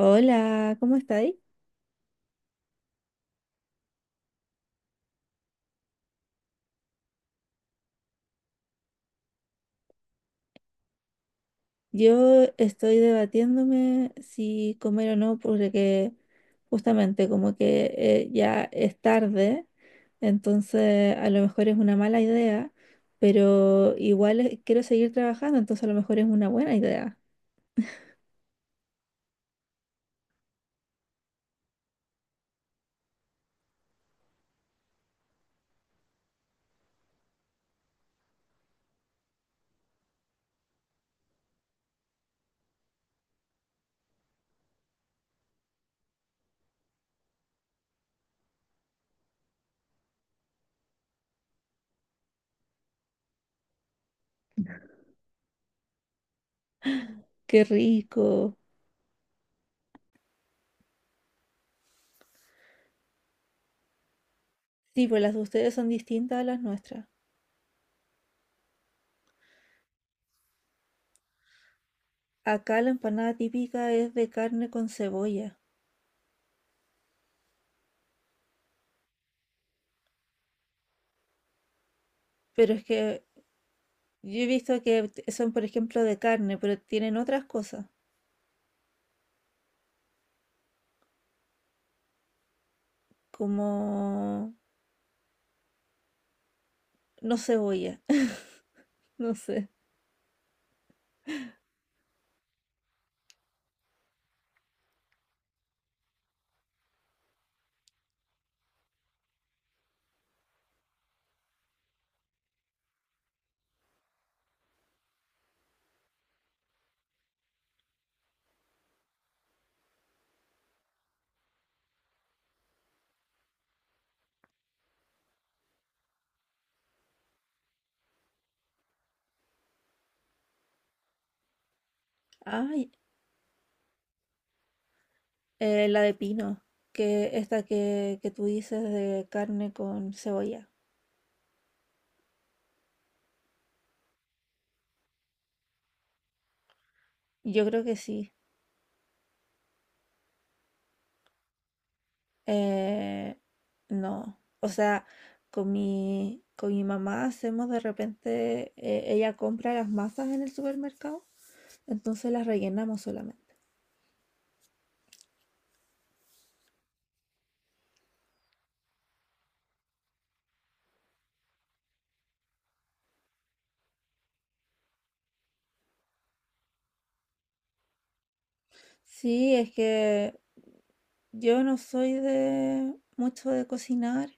Hola, ¿cómo estáis? Yo estoy debatiéndome si comer o no, porque justamente como que ya es tarde, entonces a lo mejor es una mala idea, pero igual quiero seguir trabajando, entonces a lo mejor es una buena idea. ¡Qué rico! Sí, pues las de ustedes son distintas a las nuestras. Acá la empanada típica es de carne con cebolla, pero es que yo he visto que son, por ejemplo, de carne, pero tienen otras cosas. Como no cebolla, no sé. Ay, la de pino, que esta que tú dices de carne con cebolla. Yo creo que sí. Eh, no, o sea, con mi mamá hacemos de repente, ella compra las masas en el supermercado, entonces las rellenamos solamente. Sí, es que yo no soy de mucho de cocinar.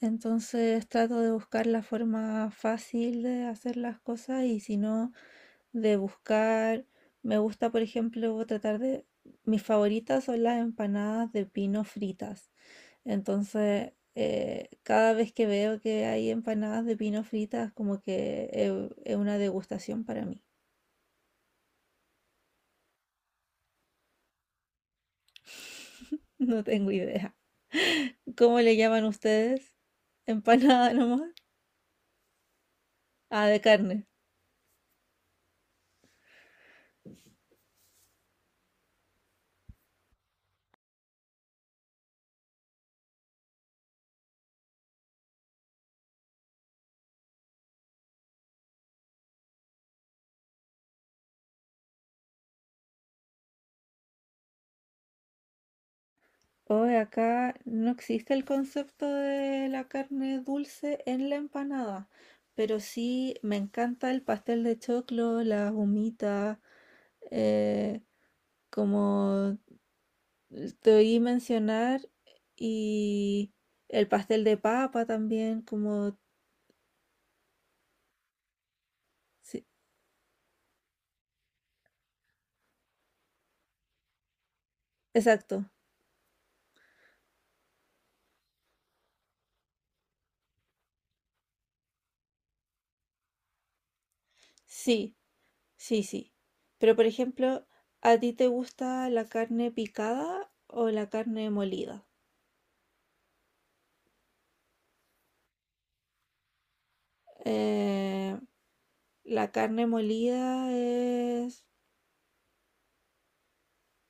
Entonces trato de buscar la forma fácil de hacer las cosas y si no, de buscar, me gusta por ejemplo tratar de, mis favoritas son las empanadas de pino fritas. Entonces, cada vez que veo que hay empanadas de pino fritas, como que es una degustación para mí. No tengo idea. ¿Cómo le llaman ustedes? ¿Empanada nomás? Ah, de carne. Hoy acá no existe el concepto de la carne dulce en la empanada, pero sí me encanta el pastel de choclo, las humitas, eh, como te oí mencionar, y el pastel de papa también, como... sí, exacto, sí, sí, sí. Pero por ejemplo, ¿a ti te gusta la carne picada o la carne molida? Eh, La carne molida es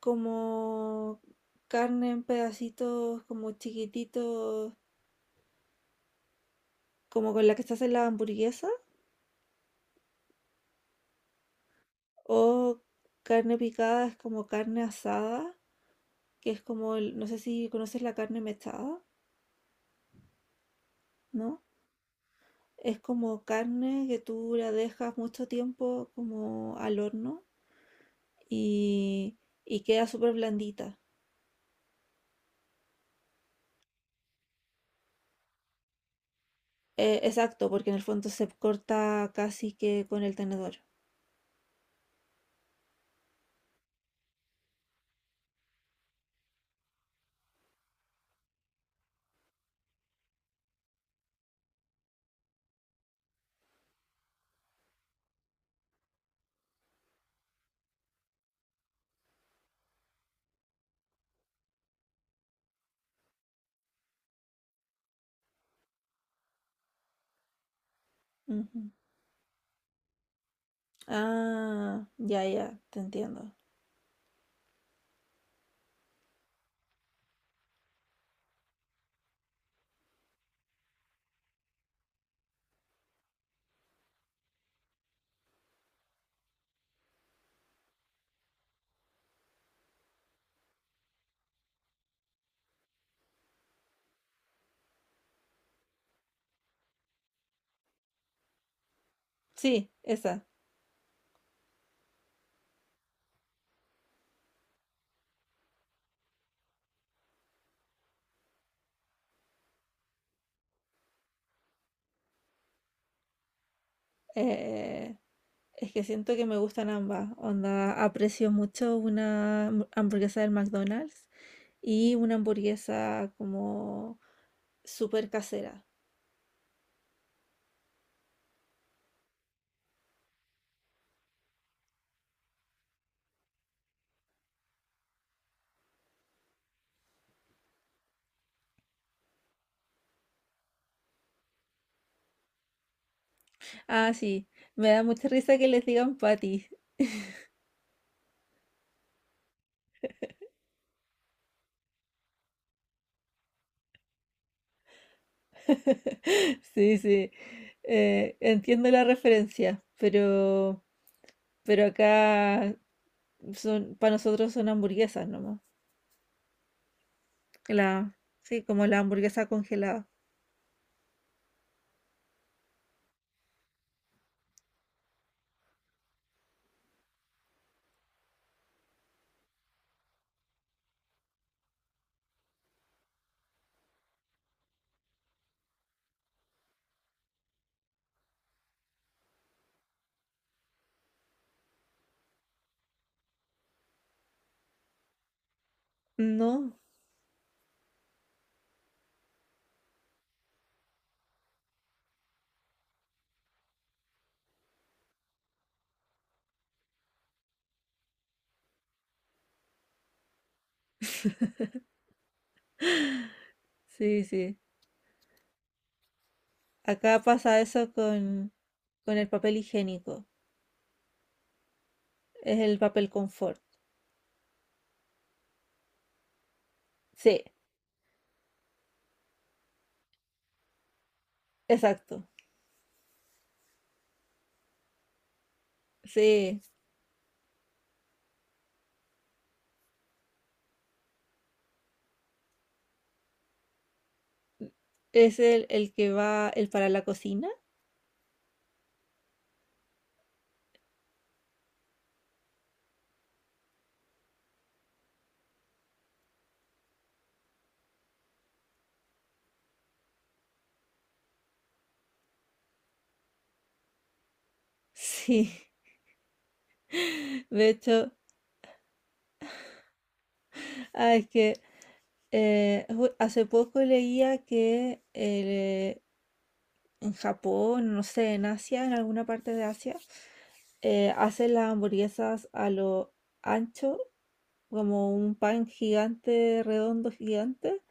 como carne en pedacitos como chiquititos, como con la que se hace la hamburguesa, o carne picada es como carne asada, que es como, no sé si conoces la carne mechada, ¿no? Es como carne que tú la dejas mucho tiempo como al horno y, y queda súper blandita. Exacto, porque en el fondo se corta casi que con el tenedor. Ujú. Ah, ya, ya, te entiendo. Sí, esa. Eh, es que siento que me gustan ambas. Onda, aprecio mucho una hamburguesa del McDonald's y una hamburguesa como súper casera. Ah, sí, me da mucha risa que les digan patty. Sí, sí. Entiendo la referencia, pero acá son, para nosotros son hamburguesas nomás. La, sí, como la hamburguesa congelada. No. Sí, sí. Acá pasa eso con el papel higiénico. Es el papel confort. Sí, exacto. Sí, es el que va, el para la cocina. Sí, de hecho, ah, es que hace poco leía que en Japón, no sé, en Asia, en alguna parte de Asia, hacen las hamburguesas a lo ancho, como un pan gigante, redondo gigante,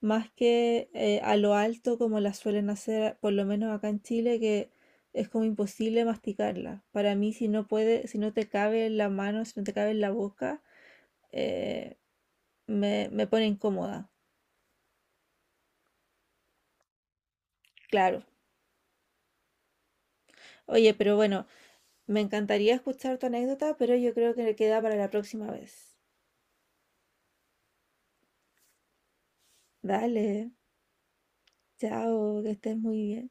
más que a lo alto como las suelen hacer, por lo menos acá en Chile, que es como imposible masticarla. Para mí, si no puede, si no te cabe en la mano, si no te cabe en la boca, eh, me pone incómoda, claro. Oye, pero bueno, me encantaría escuchar tu anécdota, pero yo creo que le queda para la próxima vez. Dale, chao, que estés muy bien.